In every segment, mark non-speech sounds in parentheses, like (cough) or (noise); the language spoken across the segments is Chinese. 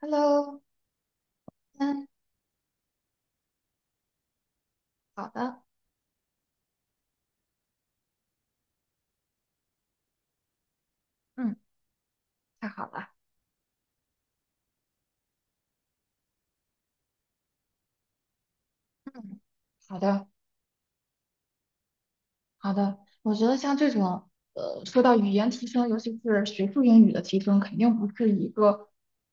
Hello。嗯。好的。嗯。太好了。嗯。好的。好的。我觉得像这种，说到语言提升，尤其是学术英语的提升，肯定不是一个，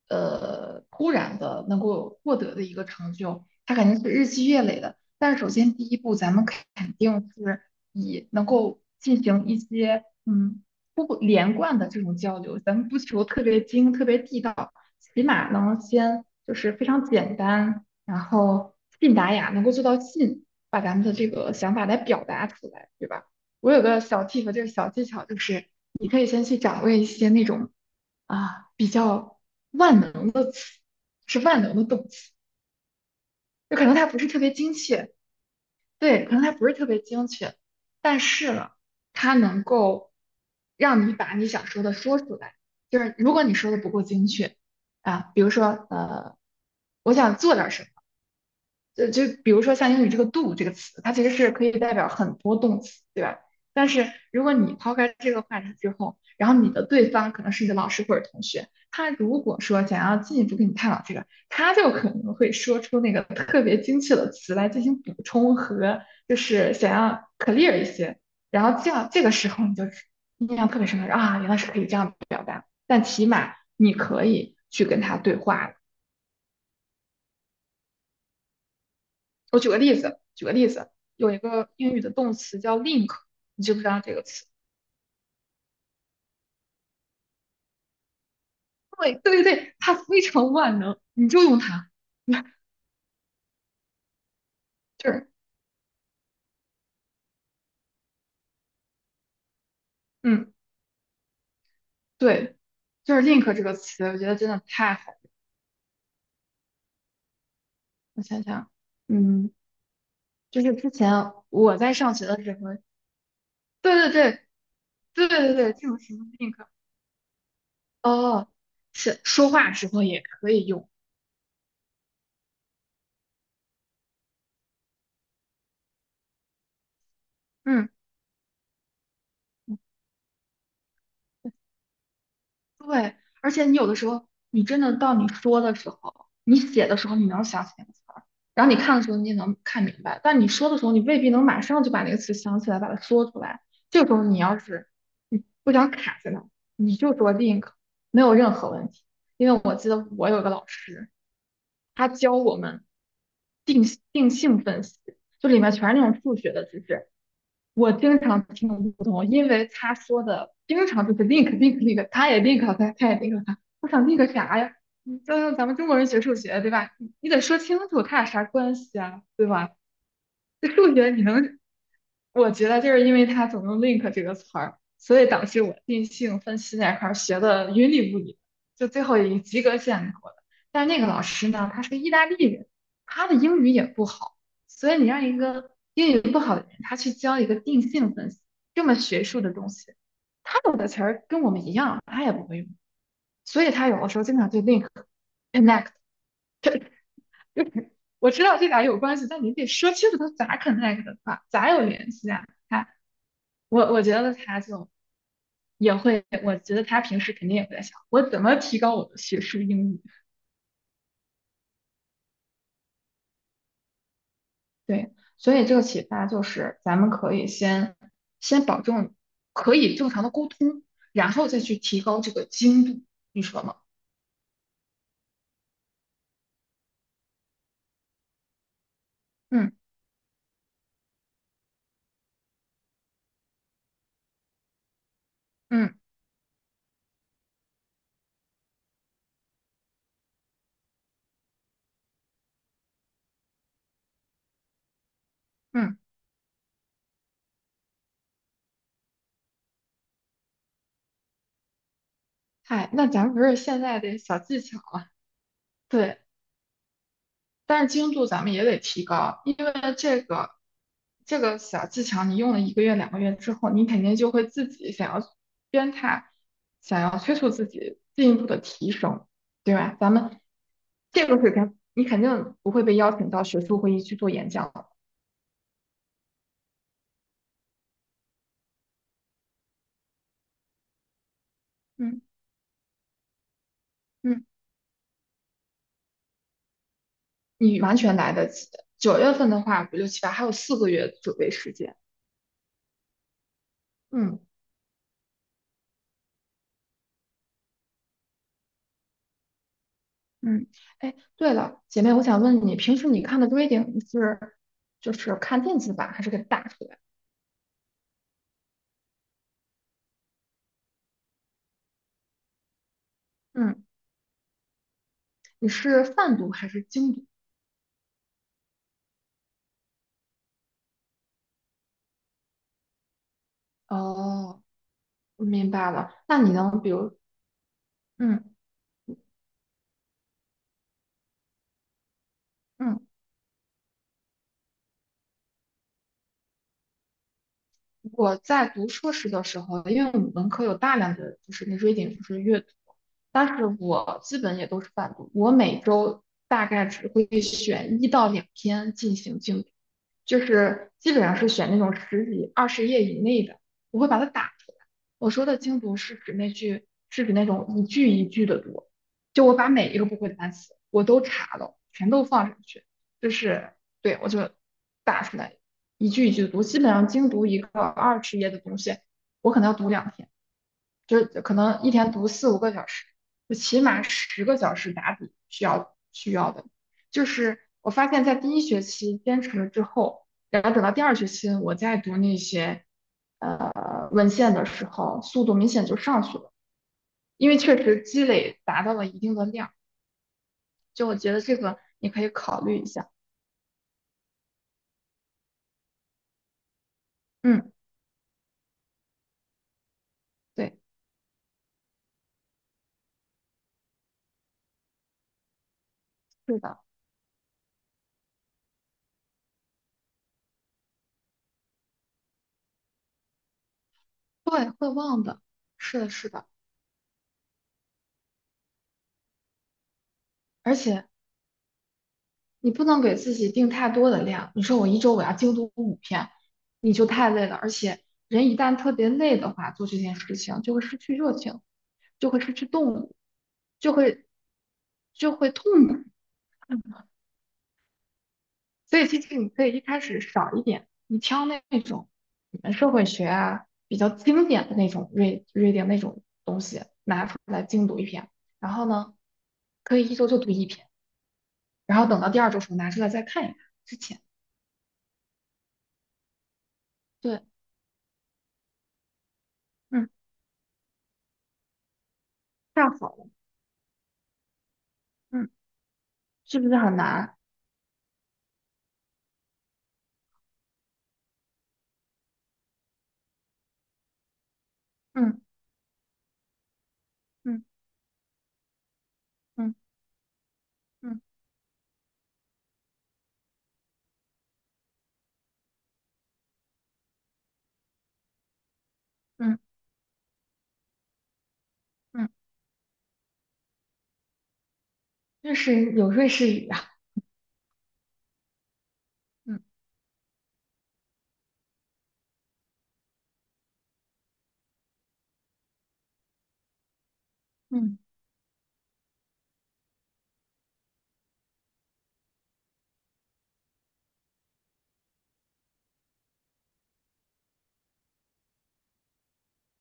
突然的能够获得的一个成就，它肯定是日积月累的。但是首先第一步，咱们肯定是以能够进行一些，不连贯的这种交流，咱们不求特别精、特别地道。起码能先就是非常简单，然后信达雅能够做到信，把咱们的这个想法来表达出来，对吧？我有个小 tip，这个小技巧就是，你可以先去掌握一些那种啊比较万能的词，是万能的动词，就可能它不是特别精确，对，可能它不是特别精确，但是呢，它能够让你把你想说的说出来。就是如果你说的不够精确啊，比如说我想做点什么。就比如说像英语这个 do 这个词，它其实是可以代表很多动词，对吧？但是如果你抛开这个话题之后，然后你的对方可能是你的老师或者同学，他如果说想要进一步跟你探讨这个，他就可能会说出那个特别精确的词来进行补充和就是想要 clear 一些，然后这样这个时候你就印象特别深刻啊，原来是可以这样表达，但起码你可以去跟他对话。我举个例子，举个例子。有一个英语的动词叫 link，你知不知道这个词？对对对，它非常万能，你就用它。(laughs) 就是，嗯，对，就是 link 这个词，我觉得真的太好了。我想想，嗯，就是之前我在上学的时候，对对对，对对对，这种什么 link。哦，是说话时候也可以用。嗯，对，而且你有的时候，你真的到你说的时候，你写的时候，你能想起那个词儿，然后你看的时候，你也能看明白，但你说的时候，你未必能马上就把那个词想起来，把它说出来。这个时候，你要是你不想卡在那儿，你就说 link，没有任何问题。因为我记得我有个老师，他教我们定定性分析，就里面全是那种数学的知识，我经常听不懂，因为他说的经常就是 link link link，他也 link 了他，他也 link 了他。我想 link 啥呀？你这咱们中国人学数学对吧？你得说清楚他俩啥关系啊，对吧？这数学你能，我觉得就是因为他总用 link 这个词儿，所以导致我定性分析那块儿学的云里雾里，就最后以及格线过的。但那个老师呢，他是意大利人，他的英语也不好，所以你让一个英语不好的人，他去教一个定性分析这么学术的东西，他懂的词儿跟我们一样，他也不会用，所以他有的时候经常对 link、connect。 (laughs) 我知道这俩有关系，但你得说清楚它咋 connect 的吧，咋有联系啊？我觉得他就也会，我觉得他平时肯定也会在想，我怎么提高我的学术英语？对，所以这个启发就是，咱们可以先保证可以正常的沟通，然后再去提高这个精度，你说吗？嗯，嗯，嗯。嗨，那咱们不是现在的小技巧了？对。但是精度咱们也得提高，因为这个这个小技巧，你用了1个月、2个月之后，你肯定就会自己想要鞭挞，想要催促自己进一步的提升，对吧？咱们这个水平，你肯定不会被邀请到学术会议去做演讲了。嗯，嗯。你完全来得及9月份的话，5、6、7、8还有4个月准备时间，嗯。嗯，哎，对了，姐妹，我想问你，平时你看的 reading 是就是看电子版还是给打出来？嗯。你是泛读还是精读？哦，明白了。那你能比如，嗯，嗯。我在读硕士的时候，因为我们文科有大量的就是那 reading，就是阅读，但是我基本也都是泛读，我每周大概只会选一到两篇进行精读，就是基本上是选那种十几、二十页以内的，我会把它打出来。我说的精读是指那句，是指那种一句一句的读，就我把每一个不会的单词我都查了，全都放上去，就是，对，我就打出来。一句一句读，基本上精读一个二十页的东西，我可能要读2天，就是可能一天读4、5个小时，就起码10个小时打底需要的。就是我发现，在第一学期坚持了之后，然后等到第二学期我再读那些文献的时候，速度明显就上去了，因为确实积累达到了一定的量。就我觉得这个你可以考虑一下。嗯，对，是的，对，会忘的，是的，是的。而且。你不能给自己定太多的量。你说我一周我要精读五篇，你就太累了。而且人一旦特别累的话，做这件事情就会失去热情，就会失去动力，就会就会痛苦。所以其实你可以一开始少一点，你挑那种你们社会学啊比较经典的那种 r e a reading 那种东西拿出来精读一篇，然后呢，可以一周就读一篇，然后等到第二周时候拿出来再看一看之前。对。嗯。太好了，嗯，是不是很难？嗯，嗯，嗯，嗯，嗯，嗯。瑞士有瑞士语啊，嗯，嗯，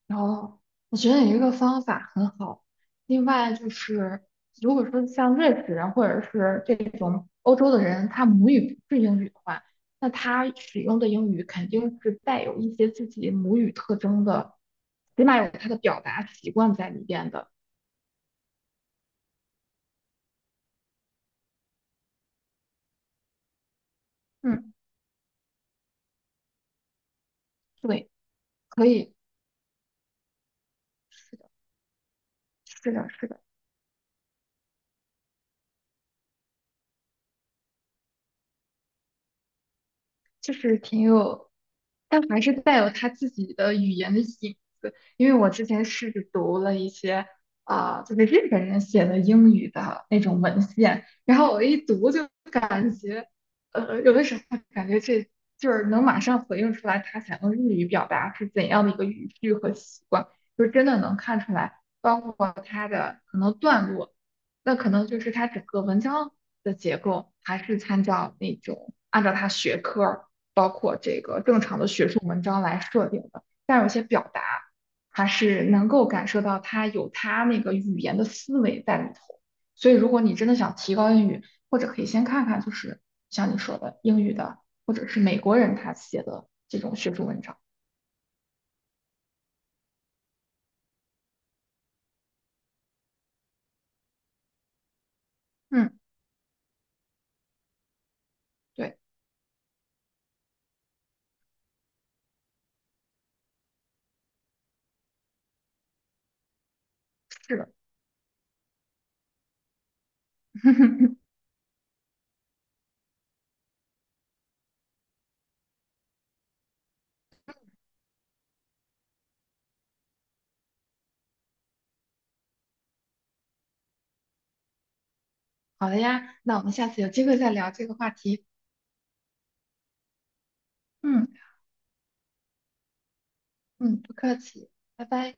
然后我觉得你这个方法很好。另外就是，如果说像瑞士人或者是这种欧洲的人，他母语不是英语的话，那他使用的英语肯定是带有一些自己母语特征的，起码有他的表达习惯在里边的。嗯，对，可以，是的，是的，是的。就是挺有，但还是带有他自己的语言的影子。因为我之前试着读了一些啊、就是日本人写的英语的那种文献，然后我一读就感觉，有的时候感觉这就是能马上回应出来他想用日语表达是怎样的一个语句和习惯，就是真的能看出来，包括他的可能段落。那可能就是它整个文章的结构还是参照那种按照它学科儿，包括这个正常的学术文章来设定的，但有些表达还是能够感受到它有它那个语言的思维在里头。所以，如果你真的想提高英语，或者可以先看看，就是像你说的英语的，或者是美国人他写的这种学术文章。嗯，对，是的。(laughs) 好的呀，那我们下次有机会再聊这个话题。嗯。嗯，不客气，拜拜。